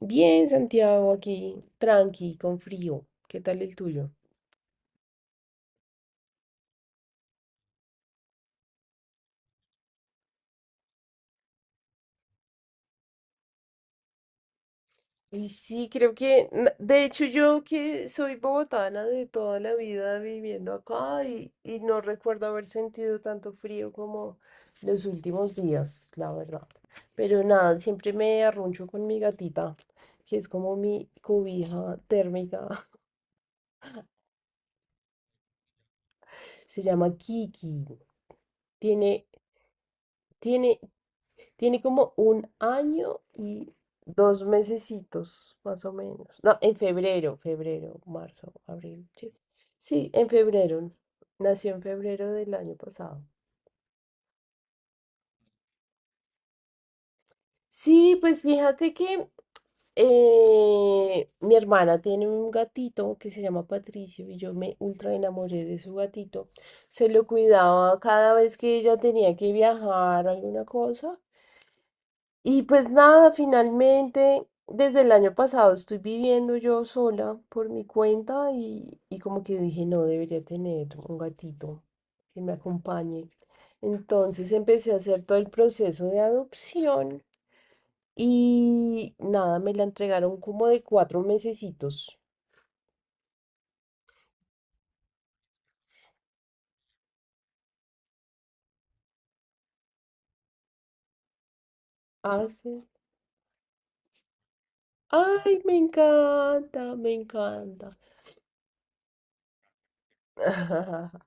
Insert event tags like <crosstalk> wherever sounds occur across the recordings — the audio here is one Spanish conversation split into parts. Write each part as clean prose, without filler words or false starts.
Bien, Santiago, aquí, tranqui, con frío. ¿Qué tal el tuyo? Y sí, creo que, de hecho yo que soy bogotana de toda la vida viviendo acá y no recuerdo haber sentido tanto frío como los últimos días, la verdad. Pero nada, siempre me arruncho con mi gatita, que es como mi cobija térmica. <laughs> Se llama Kiki. Tiene, tiene, tiene como un año y 2 mesecitos, más o menos. No, en febrero, febrero, marzo, abril, sí. Sí, en febrero. Nació en febrero del año pasado. Sí, pues fíjate que mi hermana tiene un gatito que se llama Patricio y yo me ultra enamoré de su gatito. Se lo cuidaba cada vez que ella tenía que viajar o alguna cosa. Y pues nada, finalmente, desde el año pasado estoy viviendo yo sola por mi cuenta y como que dije, no, debería tener un gatito que me acompañe. Entonces empecé a hacer todo el proceso de adopción y nada, me la entregaron como de 4 mesecitos. Hace... Ay, me encanta, me encanta. <laughs>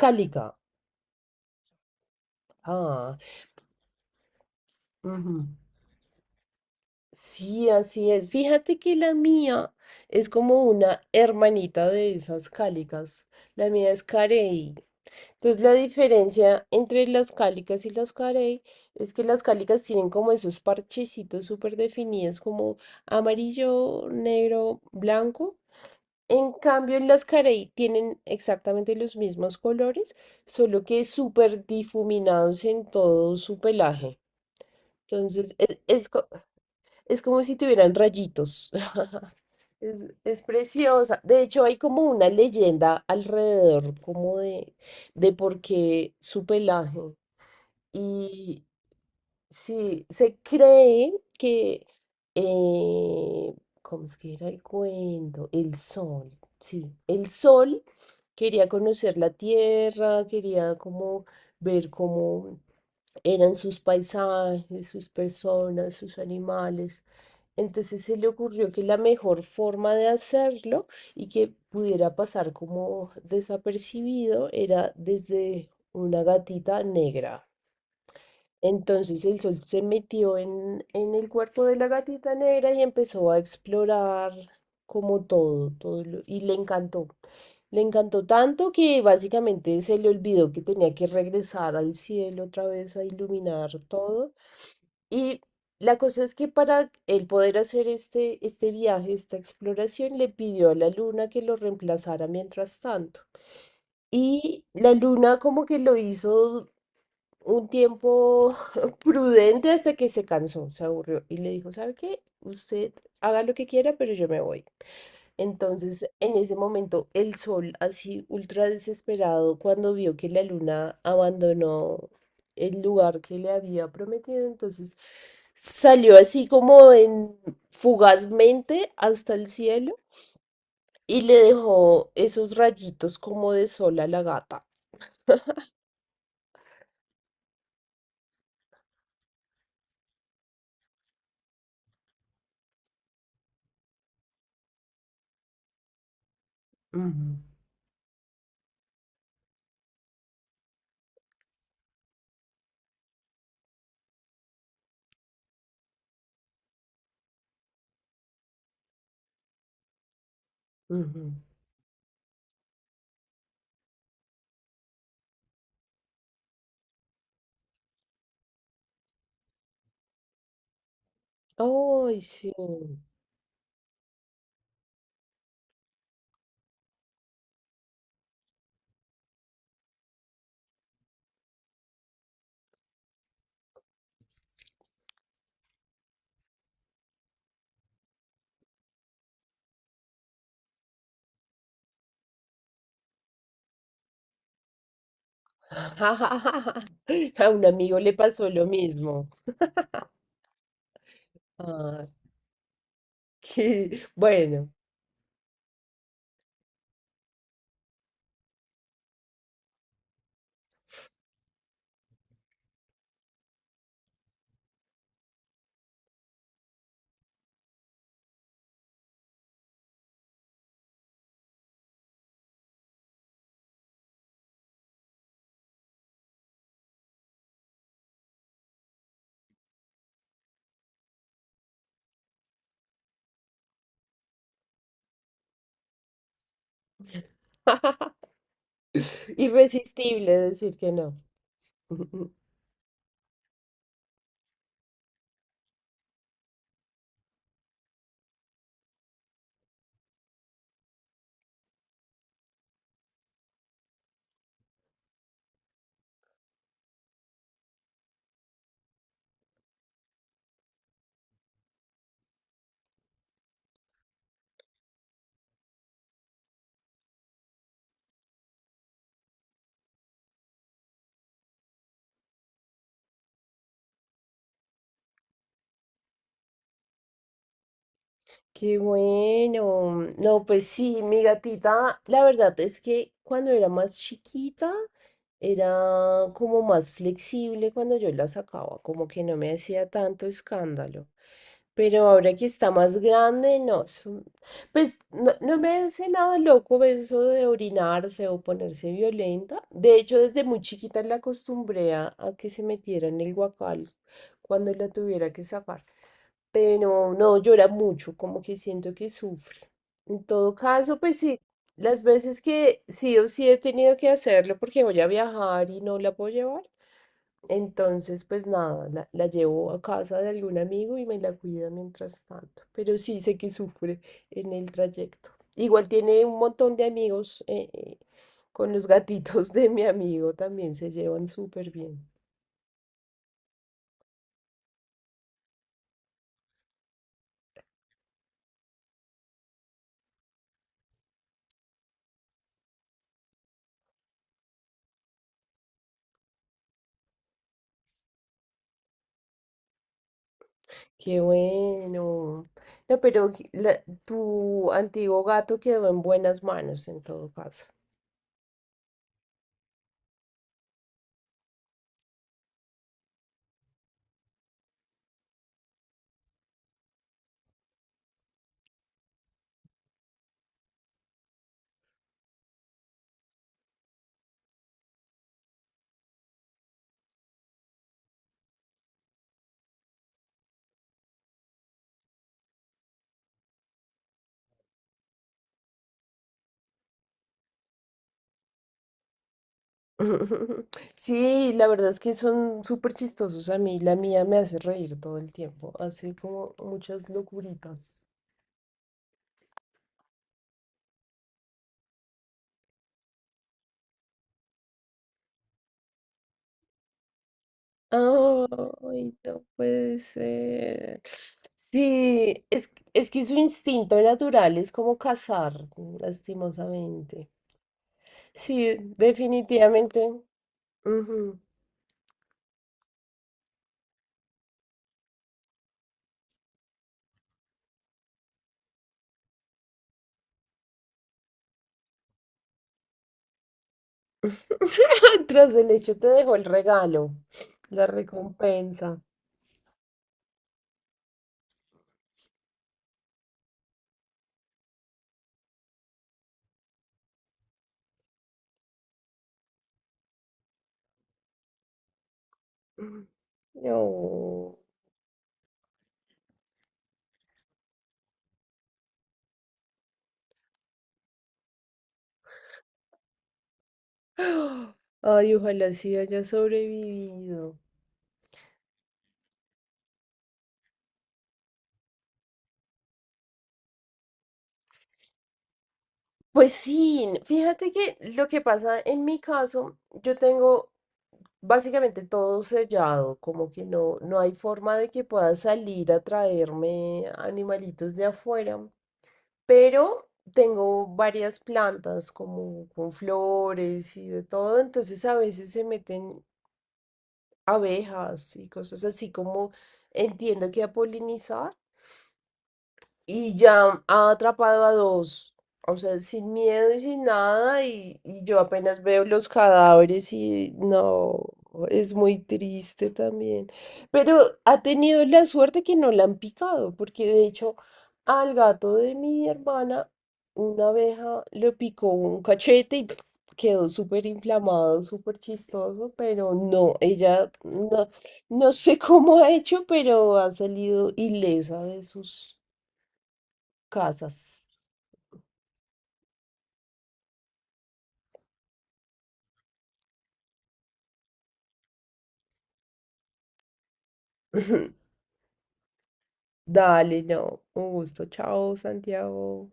Cálica. Ah, ujú. Sí, así es. Fíjate que la mía es como una hermanita de esas cálicas. La mía es carey. Entonces, la diferencia entre las cálicas y las carey es que las cálicas tienen como esos parchecitos súper definidos, como amarillo, negro, blanco. En cambio, las carey tienen exactamente los mismos colores, solo que súper difuminados en todo su pelaje. Entonces, es como si tuvieran rayitos. <laughs> Es preciosa. De hecho, hay como una leyenda alrededor, como de por qué su pelaje. Y sí, se cree que, eh, ¿cómo es que era el cuento? El sol, sí. El sol quería conocer la tierra, quería como ver cómo eran sus paisajes, sus personas, sus animales. Entonces se le ocurrió que la mejor forma de hacerlo y que pudiera pasar como desapercibido era desde una gatita negra. Entonces el sol se metió en el cuerpo de la gatita negra y empezó a explorar como todo, y le encantó. Le encantó tanto que básicamente se le olvidó que tenía que regresar al cielo otra vez a iluminar todo. Y la cosa es que para él poder hacer este viaje, esta exploración, le pidió a la luna que lo reemplazara mientras tanto. Y la luna como que lo hizo un tiempo <laughs> prudente hasta que se cansó, se aburrió y le dijo, ¿sabe qué? Usted haga lo que quiera, pero yo me voy. Entonces, en ese momento, el sol, así ultra desesperado, cuando vio que la luna abandonó el lugar que le había prometido, entonces salió así como en fugazmente hasta el cielo y le dejó esos rayitos como de sol a la gata. Ujú, ujú. Ay, sí. <laughs> A un amigo le pasó lo mismo. Ah, qué bueno. <laughs> Irresistible decir que no. <laughs> Qué bueno. No, pues sí, mi gatita, la verdad es que cuando era más chiquita, era como más flexible cuando yo la sacaba, como que no me hacía tanto escándalo. Pero ahora que está más grande, no. Pues no, no me hace nada loco eso de orinarse o ponerse violenta. De hecho, desde muy chiquita la acostumbré a que se metiera en el guacal cuando la tuviera que sacar, pero no llora mucho, como que siento que sufre. En todo caso, pues sí, las veces que sí o sí he tenido que hacerlo porque voy a viajar y no la puedo llevar, entonces pues nada, la llevo a casa de algún amigo y me la cuida mientras tanto, pero sí sé que sufre en el trayecto. Igual tiene un montón de amigos, con los gatitos de mi amigo, también se llevan súper bien. Qué bueno. No, pero que tu antiguo gato quedó en buenas manos en todo caso. <laughs> Sí, la verdad es que son súper chistosos a mí. La mía me hace reír todo el tiempo. Hace como muchas locuritas. Ay, no puede ser. Sí, es que su instinto natural es como cazar, lastimosamente. Sí, definitivamente. Ujú. <laughs> Tras el hecho te dejó el regalo, la recompensa. No. Ay, ojalá sí haya sobrevivido. Pues sí, fíjate que lo que pasa en mi caso, yo tengo básicamente todo sellado, como que no, no hay forma de que pueda salir a traerme animalitos de afuera, pero tengo varias plantas como con flores y de todo, entonces a veces se meten abejas y cosas así como entiendo que a polinizar y ya ha atrapado a dos, o sea, sin miedo y sin nada, y yo apenas veo los cadáveres y no, es muy triste también. Pero ha tenido la suerte que no la han picado, porque de hecho al gato de mi hermana una abeja le picó un cachete y ¡puf! Quedó súper inflamado, súper chistoso, pero no, ella no, no sé <laughs> cómo ha hecho, pero ha salido ilesa de sus casas. <laughs> Dale, no, un gusto. Chao, Santiago.